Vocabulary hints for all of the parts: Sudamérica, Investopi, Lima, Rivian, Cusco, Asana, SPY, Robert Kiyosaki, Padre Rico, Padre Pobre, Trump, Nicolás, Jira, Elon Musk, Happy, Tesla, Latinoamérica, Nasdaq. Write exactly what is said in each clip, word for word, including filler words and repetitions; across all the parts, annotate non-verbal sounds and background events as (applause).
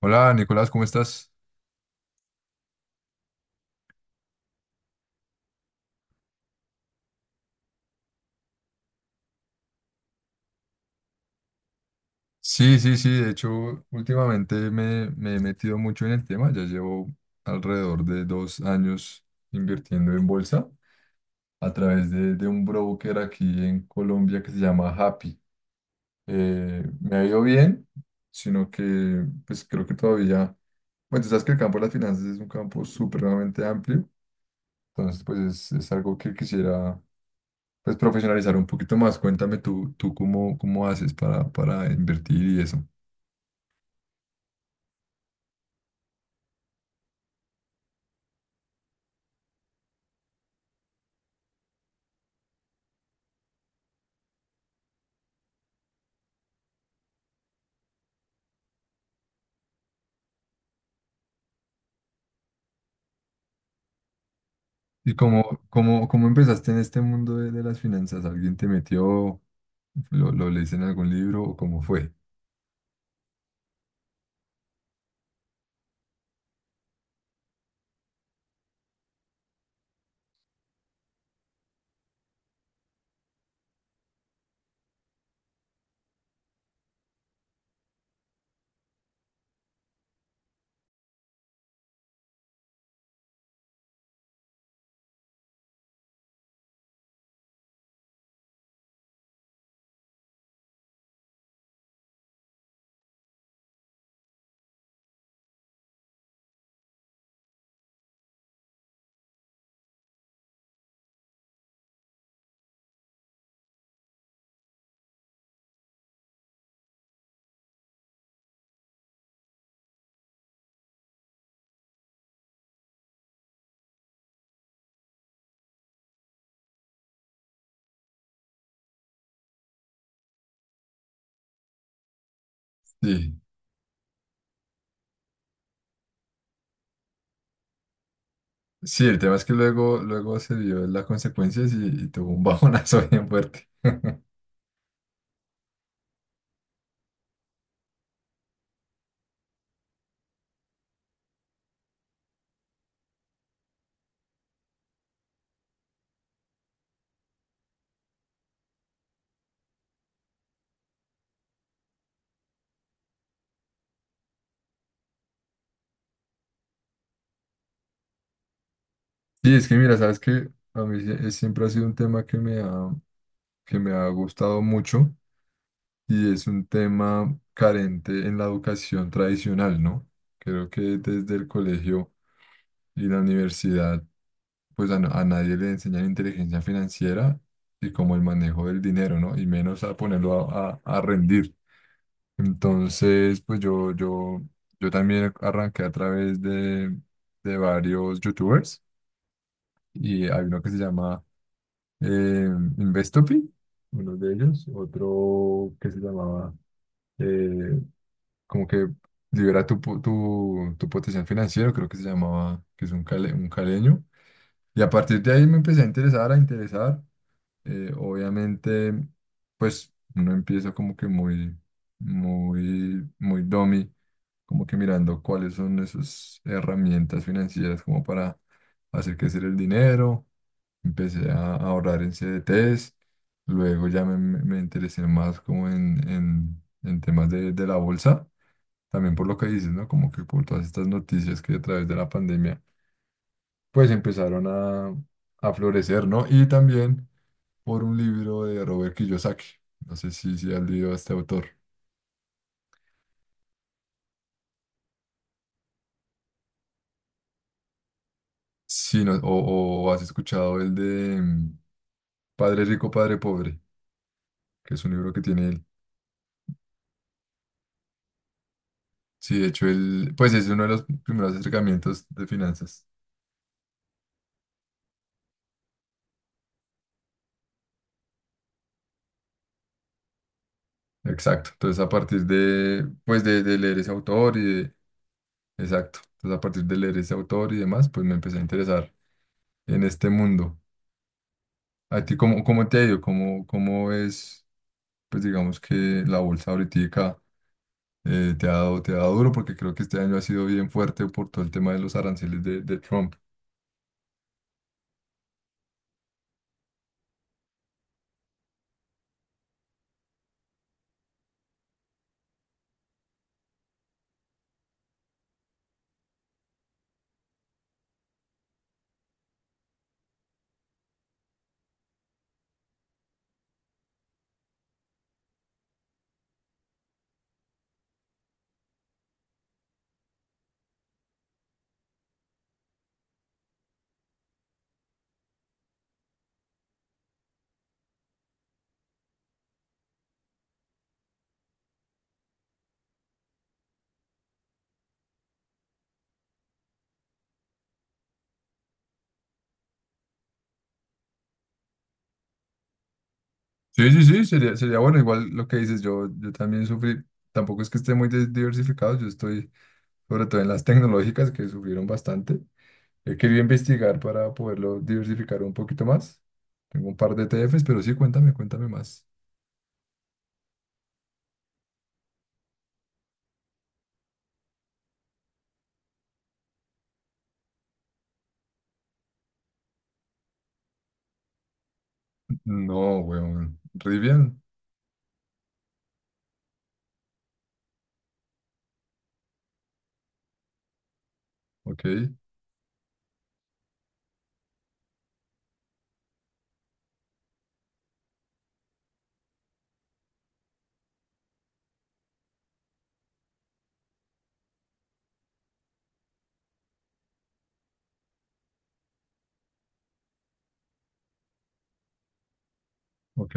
Hola Nicolás, ¿cómo estás? Sí, sí, sí, de hecho últimamente me, me he metido mucho en el tema, ya llevo alrededor de dos años invirtiendo en bolsa a través de, de un broker aquí en Colombia que se llama Happy. Eh, me ha ido bien, sino que pues creo que todavía, bueno, tú sabes que el campo de las finanzas es un campo supremamente amplio, entonces pues es, es algo que quisiera pues profesionalizar un poquito más. Cuéntame tú, tú cómo, cómo haces para, para invertir y eso. ¿Y cómo, cómo, cómo empezaste en este mundo de, de las finanzas? ¿Alguien te metió? ¿Lo, lo leíste en algún libro o cómo fue? Sí, sí, el tema es que luego, luego se dio las consecuencias y, y tuvo un bajonazo (laughs) bien fuerte. (laughs) Sí, es que mira, sabes que a mí sie- es- siempre ha sido un tema que me ha, que me ha gustado mucho y es un tema carente en la educación tradicional, ¿no? Creo que desde el colegio y la universidad pues a, na- a nadie le enseñan inteligencia financiera y como el manejo del dinero, ¿no? Y menos a ponerlo a, a- a rendir. Entonces, pues yo, yo, yo también arranqué a través de, de varios youtubers y hay uno que se llama eh, Investopi, uno de ellos, otro que se llamaba eh, como que libera tu, po- tu, tu potencial financiero, creo que se llamaba, que es un, cale- un caleño. Y a partir de ahí me empecé a interesar, a interesar. eh, obviamente, pues uno empieza como que muy, muy, muy dummy, como que mirando cuáles son esas herramientas financieras como para hacer crecer el dinero. Empecé a ahorrar en C D Ts, luego ya me, me- me interesé más como en, en, en temas de, de la bolsa, también por lo que dices, ¿no? Como que por todas estas noticias que a través de la pandemia, pues empezaron a, a florecer, ¿no? Y también por un libro de Robert Kiyosaki. No sé si, si has leído a este autor. Sí, no- o, o has escuchado el de mm, Padre Rico, Padre Pobre, que es un libro que tiene él. Sí, de hecho, él, pues es uno de los primeros acercamientos de finanzas. Exacto. Entonces, a partir de, pues de, de leer ese autor y de, Exacto. Entonces, a partir de leer ese autor y demás, pues me empecé a interesar en este mundo. ¿A ti cómo, cómo te ha ido? ¿Cómo, cómo es, pues digamos que la bolsa ahorita? eh, te ha dado, te ha dado duro porque creo que este año ha sido bien fuerte por todo el tema de los aranceles de, de Trump. Sí, sí, sí, sería, sería bueno. Igual lo que dices, yo, yo también sufrí, tampoco es que esté muy des- diversificado, yo estoy sobre todo en las tecnológicas que sufrieron bastante. He querido investigar para poderlo diversificar un poquito más. Tengo un par de E T E T Fs, pero sí, cuéntame, cuéntame más. No, weón. Rivian. Ok, ok,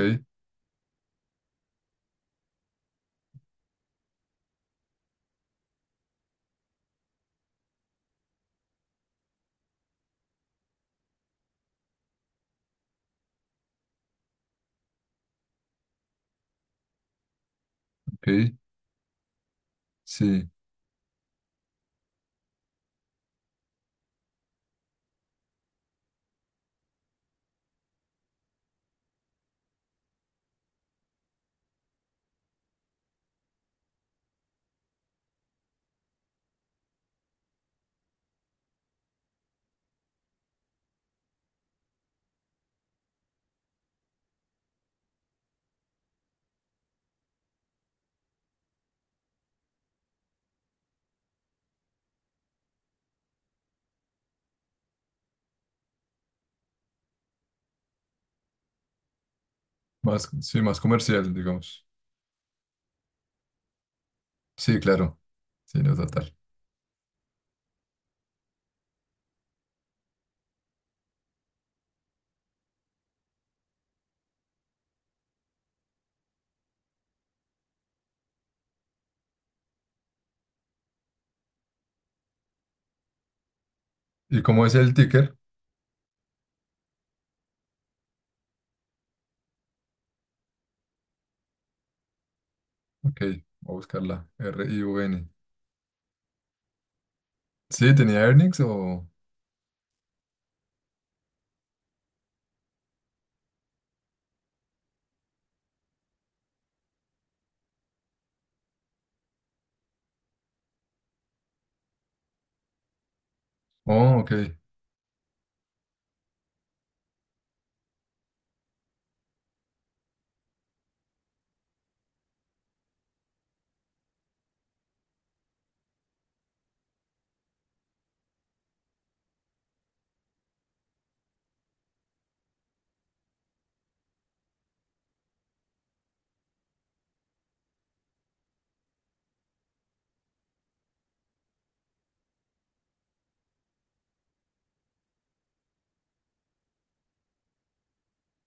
ok. Sí, más, sí, más comercial, digamos. Sí, claro. Sí, no, total. ¿Y cómo es el ticker? Ok, voy a buscarla. R-I-U-N. Sí, tenía earnings o. Oh, ok.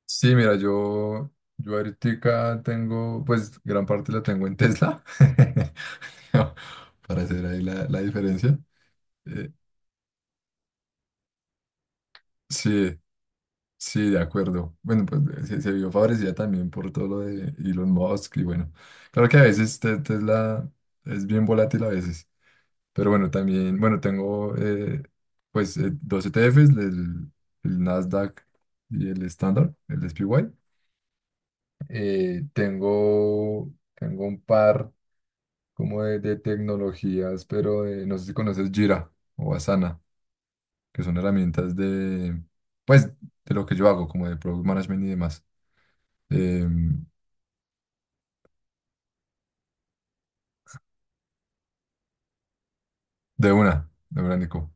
Sí, mira, yo, yo ahorita tengo, pues gran parte la tengo en Tesla, (laughs) para hacer ahí la, la diferencia. Eh, sí, sí, de acuerdo. Bueno, pues eh, se, se vio favorecida también por todo lo de Elon Musk y bueno, claro que a veces Te- Tesla es bien volátil a veces. Pero bueno, también, bueno, tengo eh, pues eh, dos E T Fs, el, el Nasdaq y el Standard, el S SPY. Eh, tengo, tengo un par como de, de tecnologías, pero de- no sé si conoces Jira o Asana, que son herramientas de, pues, de lo que yo hago, como de product management y demás. Em, de una, de una, Nico.